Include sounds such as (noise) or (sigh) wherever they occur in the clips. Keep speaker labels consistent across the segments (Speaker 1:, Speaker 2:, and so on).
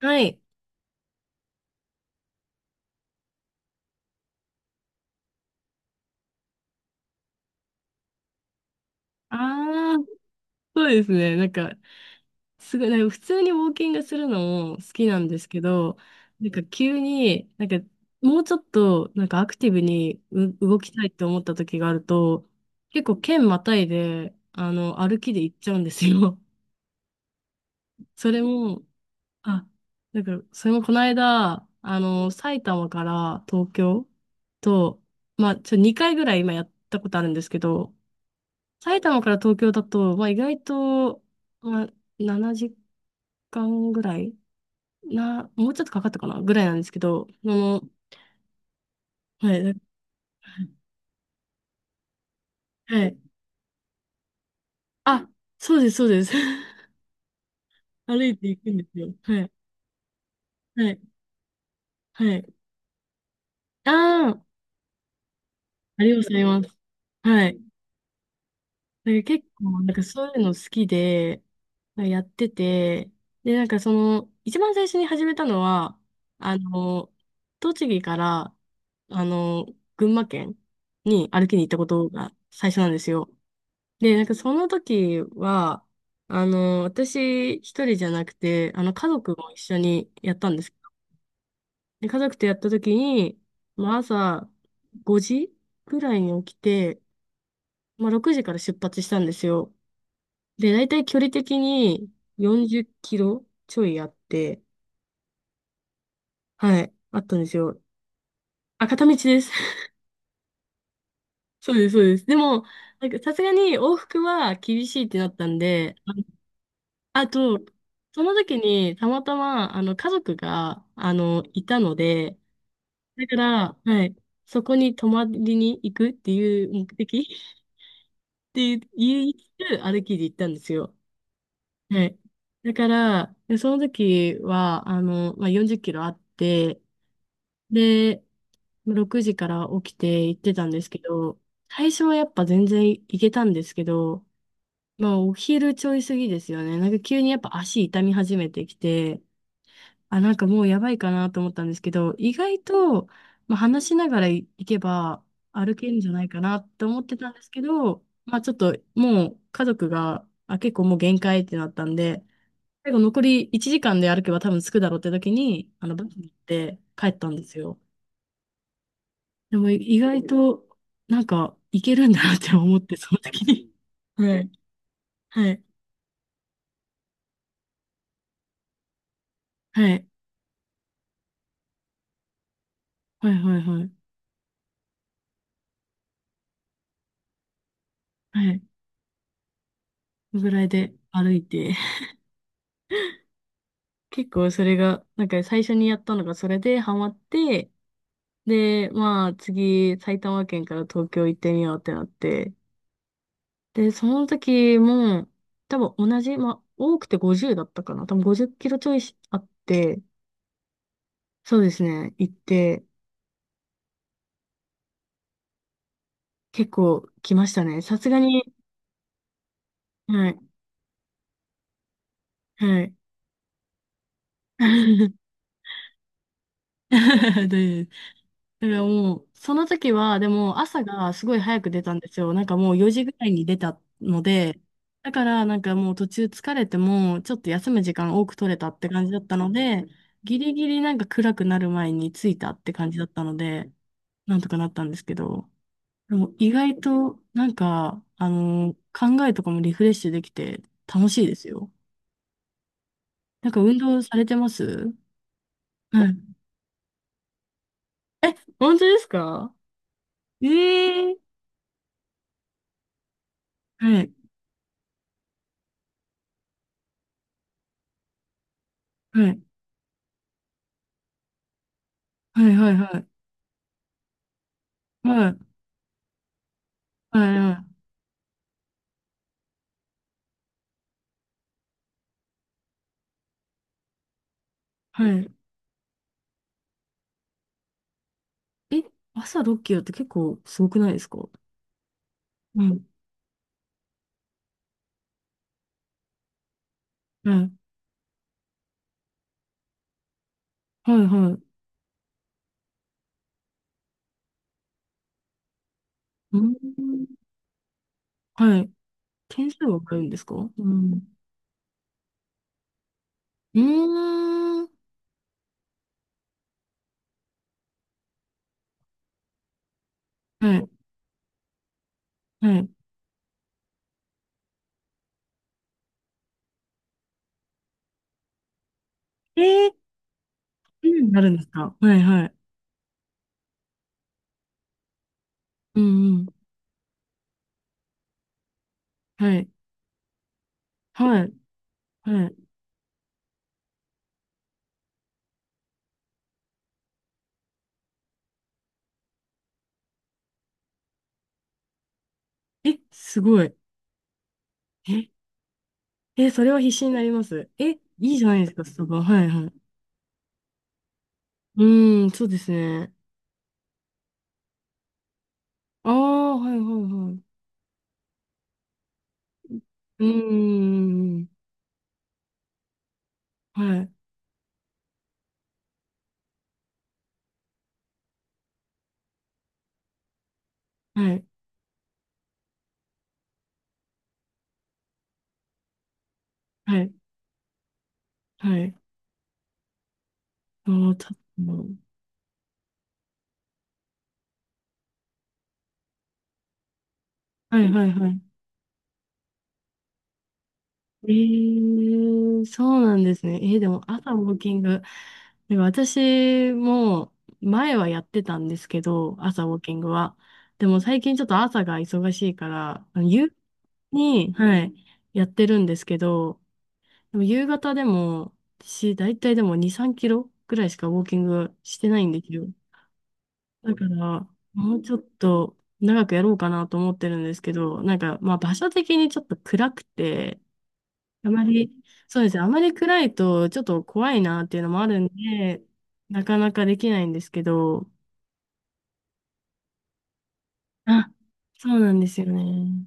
Speaker 1: はい。ああ、そうですね。すごい、なんか普通にウォーキングするのも好きなんですけど、急に、もうちょっと、アクティブに動きたいって思った時があると、結構県またいで、歩きで行っちゃうんですよ。(laughs) それも、あ、それもこの間、埼玉から東京と、2回ぐらい今やったことあるんですけど、埼玉から東京だと、意外と、まあ、7時間ぐらいもうちょっとかかったかなぐらいなんですけど、はい、はい。あ、そうです、そうです。(laughs) 歩いていくんですよ。はい、はい、はい。ああ、ありがとうございます。はい。結構、そういうの好きで、やってて、で、その、一番最初に始めたのは、あの、栃木から、あの、群馬県に歩きに行ったことが最初なんですよ。で、その時は、私一人じゃなくて、家族も一緒にやったんです。で、家族とやった時に、まあ朝5時ぐらいに起きて、まあ6時から出発したんですよ。で、大体距離的に40キロちょいあって、はい、あったんですよ。あ、片道です。(laughs) そうです、そうです。でも、さすがに往復は厳しいってなったんで、ああと、その時にたまたま、家族が、いたので、だから、はい、そこに泊まりに行くっていう目的 (laughs) っていう、言いつつ歩きで行ったんですよ。はい。だから、でその時は、40キロあって、で、6時から起きて行ってたんですけど、最初はやっぱ全然行けたんですけど、まあお昼ちょい過ぎですよね。急にやっぱ足痛み始めてきて、あ、もうやばいかなと思ったんですけど、意外と、話しながら行けば歩けるんじゃないかなと思ってたんですけど、まあちょっともう家族が、あ、結構もう限界ってなったんで、最後残り1時間で歩けば多分着くだろうって時に、あのバスに行って帰ったんですよ。でも意外といけるんだなって思って、その時に。はい。はい。はい。はい。はい。はい。はい。そのぐらいで歩いて。結構それが、最初にやったのがそれでハマって、で、まあ次埼玉県から東京行ってみようってなって。で、その時も多分同じ、まあ多くて50だったかな。多分50キロちょいあって、そうですね、行って結構来ましたね。さすがに、はい。はい (laughs) で、だからもう、その時は、でも朝がすごい早く出たんですよ。もう4時ぐらいに出たので、だからもう途中疲れても、ちょっと休む時間多く取れたって感じだったので、ギリギリ暗くなる前に着いたって感じだったので、なんとかなったんですけど、でも意外と考えとかもリフレッシュできて楽しいですよ。なんか運動されてますはい。え、本当ですかええはい、はい、はい、はい、はい、はい、はい、はい。はいえ、朝ッキロって結構すごくないですかはい、はい、はい、はい。うーん、はい。点数わかるんですかうん。うーん。はい、はい。えー、うんなるんですかはい、はい。うん、うん。はい、はい、はい。え、すごい。え、え、それは必死になります。え、いいじゃないですか、スタバ。はい、はい。うーん、そうですね。ああ、はい、はい、はい。うーん。はい、はい、はい、はい。もうちょっともう、はい、はい、はい。えー、そうなんですね。えー、でも朝ウォーキング、でも私も前はやってたんですけど、朝ウォーキングは。でも最近ちょっと朝が忙しいから、夕に、はい、やってるんですけど、でも夕方でも、私、だいたいでも2、3キロぐらいしかウォーキングしてないんですよ。だから、もうちょっと長くやろうかなと思ってるんですけど、まあ場所的にちょっと暗くて、あまり、そうですね、あまり暗いとちょっと怖いなっていうのもあるんで、なかなかできないんですけど、あ、そうなんですよね。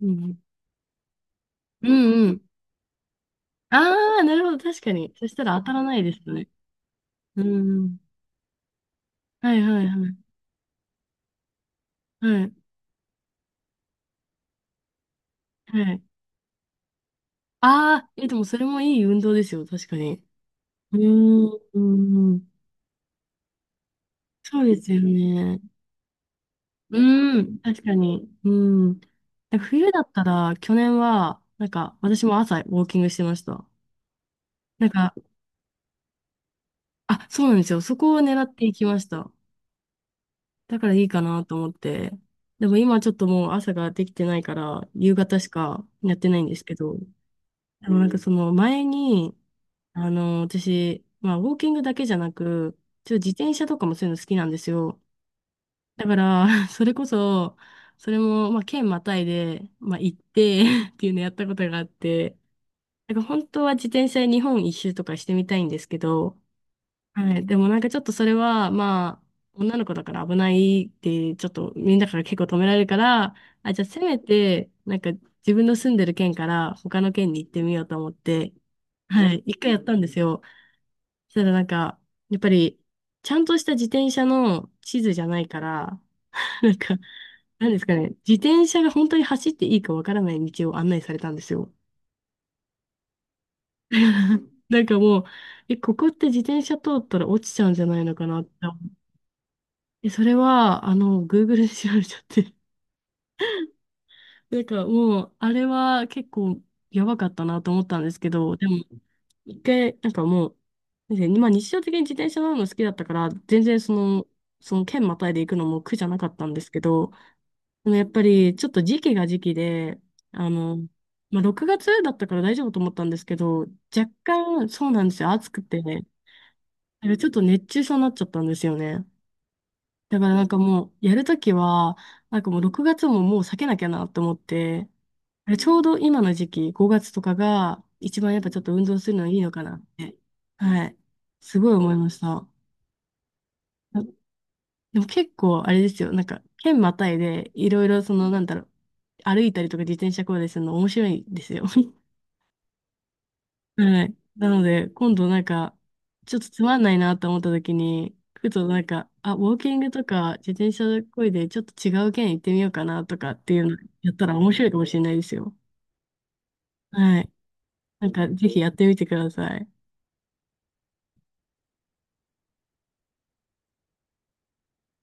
Speaker 1: うん。うんうん。ああ、なるほど、確かに。そしたら当たらないですよね。うん。はいはいはい。はい。はい。ああ、え、でもそれもいい運動ですよ、確かに。うーん。そうですよね。うん、確かに。うん。で冬だったら、去年は、私も朝ウォーキングしてました。なんか、あ、そうなんですよ。そこを狙っていきました。だからいいかなと思って。でも今ちょっともう朝ができてないから、夕方しかやってないんですけど、でもその前に、私、まあ、ウォーキングだけじゃなく、ちょっと自転車とかもそういうの好きなんですよ。だから、(laughs) それこそ、それも、まあ、県またいで、まあ、行って (laughs) っていうのやったことがあって、本当は自転車で日本一周とかしてみたいんですけど、はい、でもちょっとそれは、女の子だから危ないって、ちょっとみんなから結構止められるから、あ、じゃあせめて、自分の住んでる県から他の県に行ってみようと思って、はい、一回やったんですよ。そしたらやっぱり、ちゃんとした自転車の地図じゃないから、(laughs) なんか、なんですかね、自転車が本当に走っていいかわからない道を案内されたんですよ。(laughs) なんかもう、え、ここって自転車通ったら落ちちゃうんじゃないのかなって。え、それは、Google で調べちゃって。(laughs) なんかもう、あれは結構やばかったなと思ったんですけど、でも、一回、なんかもう、でまあ日常的に自転車乗るの好きだったから、全然その、その県またいで行くのも苦じゃなかったんですけど、でもやっぱりちょっと時期が時期で、あの、6月だったから大丈夫と思ったんですけど、若干そうなんですよ、暑くて、ね、ちょっと熱中症になっちゃったんですよね。だからなんかもう、やるときは、なんかもう6月ももう避けなきゃなと思って、あれちょうど今の時期、5月とかが一番やっぱちょっと運動するのいいのかなって、はい、すごい思いました。でも結構あれですよ、県またいで、いろいろその、なんだろう、歩いたりとか自転車こいでするの面白いんですよ。(laughs) はい。なので、今度ちょっとつまんないなと思った時に、ふとあ、ウォーキングとか自転車こいで、ちょっと違う県行ってみようかなとかっていうのやったら面白いかもしれないですよ。はい。ぜひやってみてください。